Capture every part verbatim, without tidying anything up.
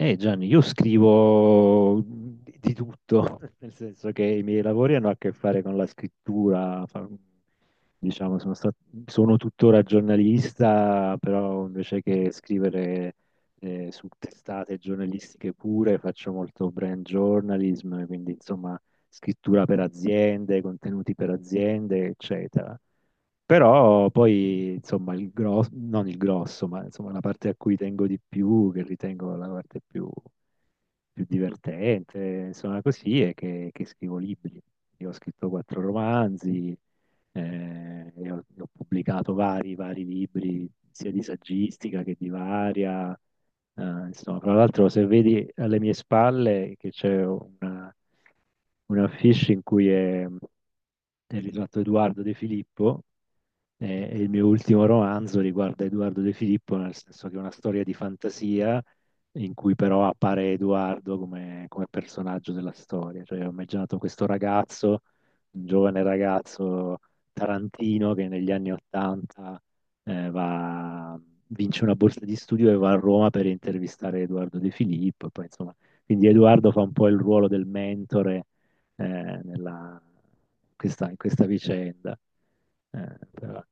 Eh Gianni, io scrivo di tutto, nel senso che i miei lavori hanno a che fare con la scrittura, fa- diciamo, sono stat- sono tuttora giornalista, però invece che scrivere eh, su testate giornalistiche pure, faccio molto brand journalism, quindi insomma scrittura per aziende, contenuti per aziende, eccetera. Però poi, insomma, il grosso, non il grosso, ma insomma la parte a cui tengo di più, che ritengo la parte più, più divertente, insomma così, è che, che scrivo libri. Io ho scritto quattro romanzi, eh, e ho, e ho pubblicato vari, vari libri, sia di saggistica che di varia. eh, insomma, fra l'altro, se vedi alle mie spalle che c'è una, una affiche in cui è, è il ritratto Edoardo De Filippo, eh, e il mio ultimo romanzo riguarda Edoardo De Filippo, nel senso che è una storia di fantasia in cui però appare Edoardo come, come personaggio della storia. Cioè, ho immaginato questo ragazzo, un giovane ragazzo tarantino che negli anni Ottanta eh, va- vince una borsa di studio e va a Roma per intervistare Edoardo De Filippo. E poi, insomma, quindi Edoardo fa un po' il ruolo del mentore eh, nella- questa- in questa vicenda. Eh, però.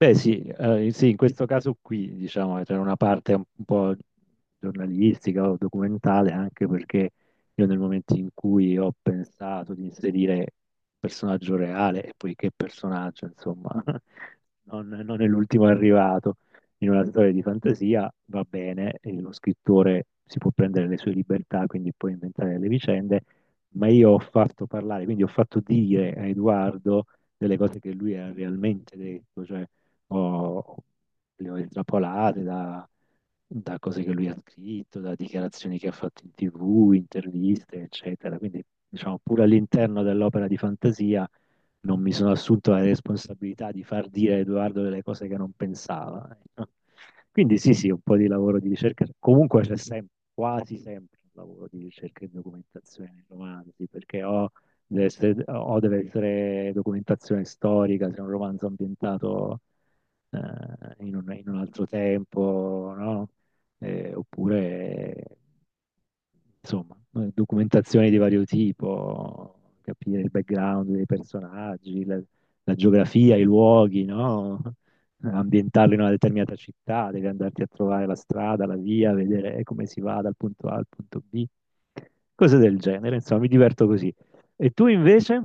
Beh, sì, eh, sì, in questo caso qui, diciamo, c'era una parte un po' giornalistica o documentale, anche perché io nel momento in cui ho pensato di inserire personaggio reale, e poi che personaggio, insomma, non, non è l'ultimo arrivato in una storia di fantasia, va bene, e lo scrittore si può prendere le sue libertà, quindi può inventare le vicende, ma io ho fatto parlare, quindi ho fatto dire a Edoardo delle cose che lui ha realmente detto, cioè ho, le ho intrappolate da, da cose che lui ha scritto, da dichiarazioni che ha fatto in T V, interviste, eccetera. Quindi, diciamo, pure all'interno dell'opera di fantasia non mi sono assunto la responsabilità di far dire a Edoardo delle cose che non pensava. Ecco. Quindi sì, sì, un po' di lavoro di ricerca. Comunque c'è sempre, quasi sempre un lavoro di ricerca e documentazione nei romanzi, perché o deve essere, o deve essere documentazione storica, se è un romanzo ambientato eh, in un, in un altro tempo, no? Eh, oppure, insomma, eh, documentazioni di vario tipo, capire il background dei personaggi, la, la geografia, i luoghi, no? Ambientarlo in una determinata città, devi andarti a trovare la strada, la via, vedere come si va dal punto A al punto B, cose del genere, insomma, mi diverto così. E tu invece?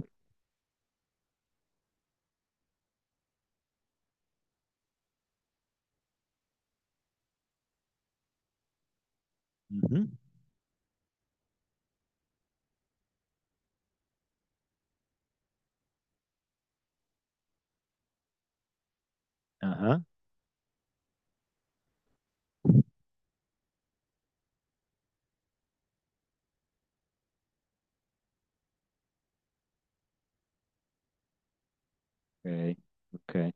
Mhm. Ah, ok, ok.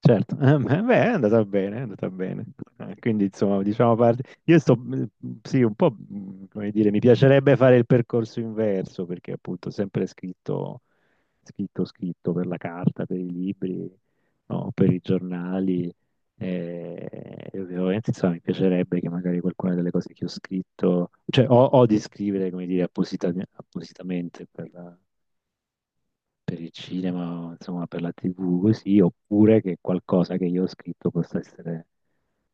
Certo, eh, beh, beh, è andata bene, è andata bene. Eh, Quindi, insomma, diciamo, parte... io sto, mm, sì, un po', mm, come dire, mi piacerebbe fare il percorso inverso, perché appunto ho sempre scritto, scritto, scritto per la carta, per i libri, no, Per i giornali, e, e ovviamente, insomma, mi piacerebbe che magari qualcuna delle cose che ho scritto, cioè, o, o di scrivere, come dire, apposita- appositamente per, per il cinema, insomma, per la T V, così, oppure che qualcosa che io ho scritto possa essere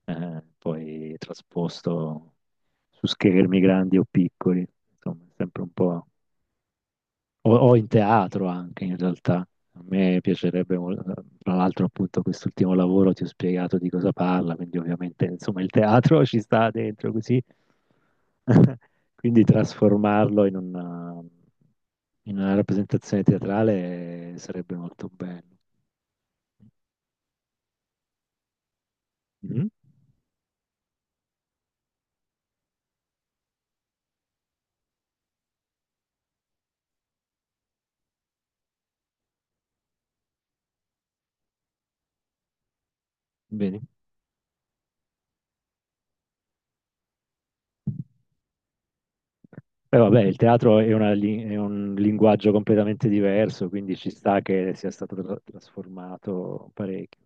eh, poi trasposto su schermi grandi o piccoli, insomma, è sempre un po'. O, o in teatro anche in realtà. A me piacerebbe, mol- tra l'altro appunto quest'ultimo lavoro ti ho spiegato di cosa parla, quindi ovviamente insomma il teatro ci sta dentro così, quindi trasformarlo in una, in una rappresentazione teatrale sarebbe molto bello. Mhm. Bene. Beh, vabbè, il teatro è, una li- è un linguaggio completamente diverso, quindi ci sta che sia stato tra- trasformato parecchio.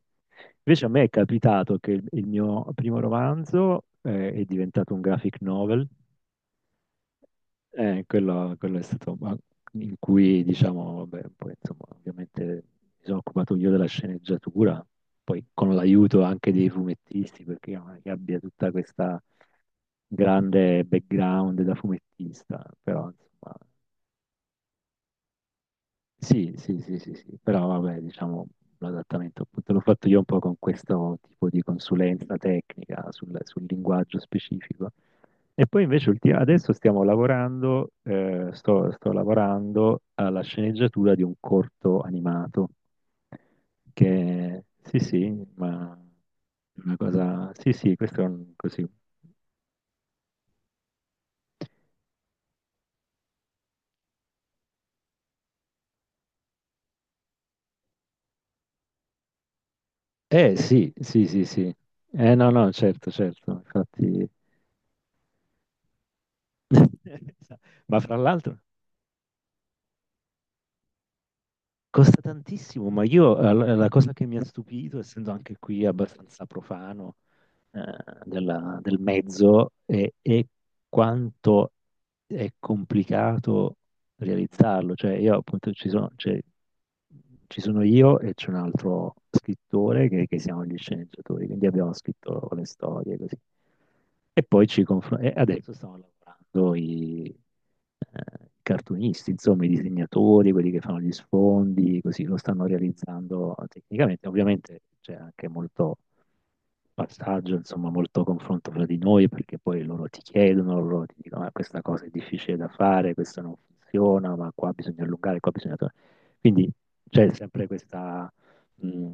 Invece a me è capitato che il, il mio primo romanzo, eh, è diventato un graphic novel, eh, quello, quello è stato ma- in cui, diciamo, vabbè, poi, insomma, ovviamente mi sono occupato io della sceneggiatura, poi con l'aiuto anche dei fumettisti, perché io non è che abbia tutta questa grande background da fumettista, però insomma, sì, sì, sì, sì, sì, però vabbè, diciamo, l'adattamento appunto l'ho fatto io un po' con questo tipo di consulenza tecnica sul, sul linguaggio specifico. E poi invece ulti- adesso stiamo lavorando, eh, sto, sto lavorando alla sceneggiatura di un corto animato, che sì, sì, ma è una cosa, sì, sì, questo è un, così. Eh sì, sì, sì, sì. Eh no, no, certo, certo, infatti. Ma fra l'altro... Costa tantissimo, ma io eh, la la cosa che mi ha stupito, essendo anche qui abbastanza profano, eh, della- del mezzo e, e quanto è complicato realizzarlo. Cioè, io appunto ci sono, cioè, ci sono io e c'è un altro scrittore che, che siamo gli sceneggiatori, quindi abbiamo scritto le storie così. E poi ci confrontiamo. Adesso stanno lavorando i eh, i cartunisti, insomma, i disegnatori, quelli che fanno gli sfondi, così lo stanno realizzando tecnicamente. Ovviamente c'è anche molto passaggio, insomma, molto confronto fra di noi, perché poi loro ti chiedono, loro ti dicono, "Ah, questa cosa è difficile da fare, questa non funziona, ma qua bisogna allungare, qua bisogna... tor-". Quindi c'è sempre questa, mh,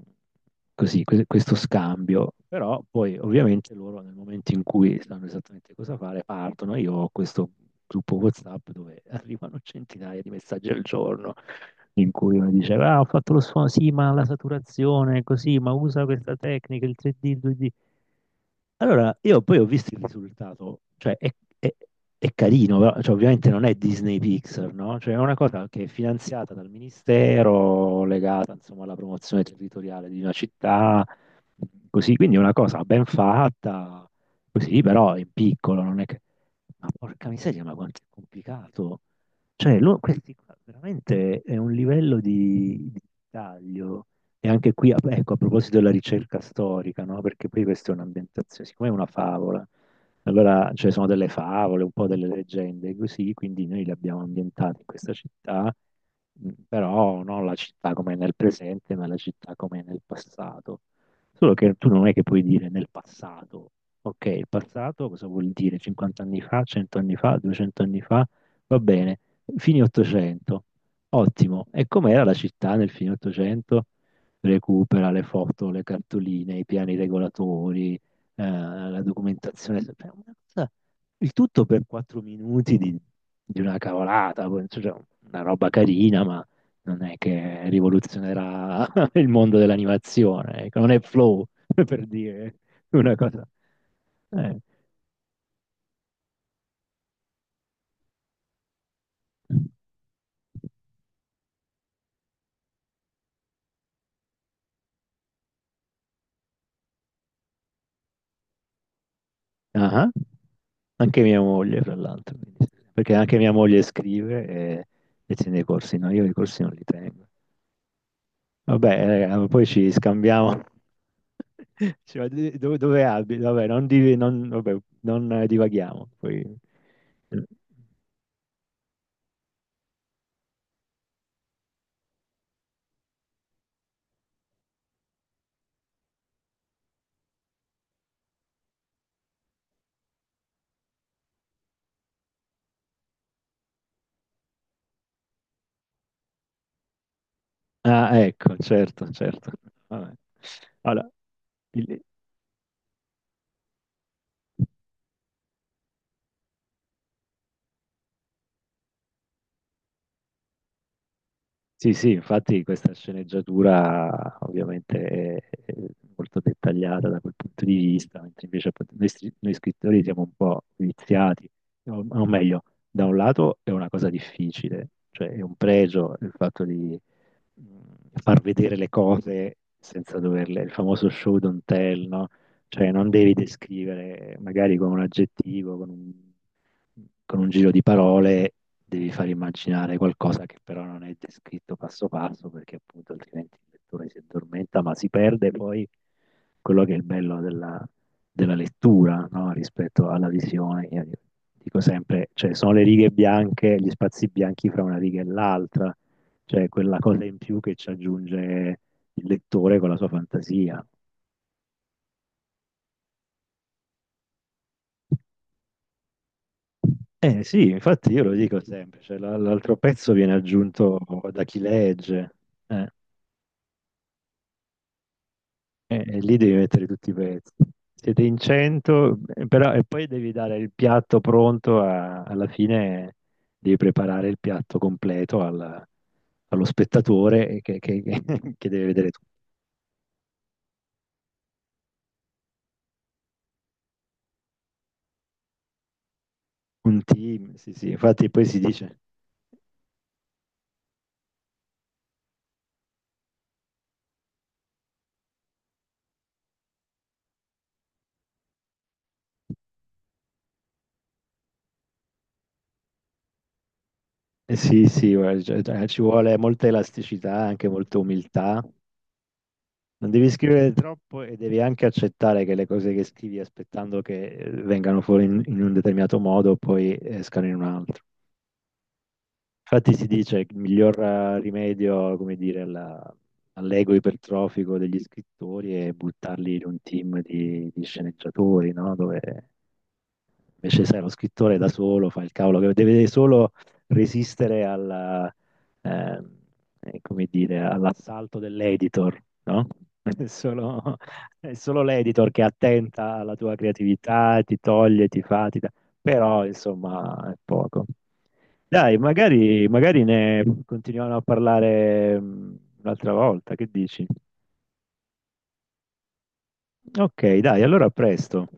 così, que- questo scambio, però poi ovviamente loro nel momento in cui sanno esattamente cosa fare, partono. Io ho questo gruppo WhatsApp dove arrivano centinaia di messaggi al giorno in cui uno diceva, ah, ho fatto lo sfondo, sì, ma la saturazione è così, ma usa questa tecnica, il tre D, il due D. Allora, io poi ho visto il risultato, cioè è, è- è carino, però, cioè, ovviamente non è Disney Pixar, no? Cioè è una cosa che è finanziata dal ministero, legata insomma alla promozione territoriale di una città, così, quindi è una cosa ben fatta, così, però in piccolo, non è che... Ma porca miseria, ma quanto è complicato. Cioè, lo- questi qua veramente è un livello di, di taglio. E anche qui, ap- ecco, a proposito della ricerca storica, no? Perché poi questa è un'ambientazione, siccome è una favola, allora, cioè, sono delle favole, un po' delle leggende, così, quindi noi le abbiamo ambientate in questa città, mh, però non la città come è nel presente, ma la città come è nel passato. Solo che tu non è che puoi dire nel passato. Ok, il passato cosa vuol dire? cinquanta anni fa, cento anni fa, duecento anni fa? Va bene, fine ottocento. Ottimo. E com'era la città nel fine ottocento? Recupera le foto, le cartoline, i piani regolatori, eh, la documentazione. Cioè, una cosa- Il tutto per quattro minuti di, di, una cavolata, poi, cioè, una roba carina, ma non è che rivoluzionerà il mondo dell'animazione. Ecco, non è flow, per dire una cosa. eh. Ah, anche mia moglie, fra l'altro, quindi sì, perché anche mia moglie scrive e, e tiene i corsi, no, io i corsi non li tengo. Vabbè, raga, ma poi ci scambiamo. Cioè, di- dove, dove abiti? Vabbè, non, div- non- vabbè, non, eh, divaghiamo. poi- Ah, ecco, certo, certo. Vabbè. Allora, il- Sì, sì, infatti questa sceneggiatura ovviamente è è molto dettagliata da quel punto di vista, mentre invece appunto, noi, stri- noi scrittori siamo un po' viziati, o, o meglio, da un lato è una cosa difficile, cioè è un pregio il fatto di mh, far vedere le cose senza doverle, il famoso show don't tell, no? Cioè non devi descrivere magari con un aggettivo, con un, con un giro di parole, devi far immaginare qualcosa che però non è descritto passo passo perché appunto altrimenti il lettore si addormenta, ma si perde poi quello che è il bello della, della lettura, no? Rispetto alla visione. Io dico sempre, cioè sono le righe bianche, gli spazi bianchi fra una riga e l'altra, cioè, quella cosa in più che ci aggiunge il lettore con la sua fantasia. Eh sì, infatti io lo dico sempre, cioè, l- l'altro pezzo viene aggiunto da chi legge, eh, e, e lì devi mettere tutti i pezzi. Siete in cento, eh, però, e poi devi dare il piatto pronto a- alla fine, devi preparare il piatto completo al- allo spettatore che, che- che deve vedere tutto. Un team, sì, sì, infatti poi si dice... Eh sì, sì, guarda, cioè, cioè, ci vuole molta elasticità, anche molta umiltà. Non devi scrivere troppo e devi anche accettare che le cose che scrivi aspettando che eh, vengano fuori in, in un determinato modo poi escano in un altro. Infatti si dice che il miglior eh, rimedio, come dire, alla- all'ego ipertrofico degli scrittori è buttarli in un team di, di sceneggiatori, no? Dove Invece, sai, lo scrittore da solo fa il cavolo che deve solo resistere alla, eh, eh, come dire, all'assalto dell'editor, no? È solo, è solo l'editor che è attenta alla tua creatività, ti toglie, ti fa, ti dà. Però, insomma, è poco. Dai, magari, magari ne continuiamo a parlare mm, un'altra volta, che dici? Ok, dai, allora a presto.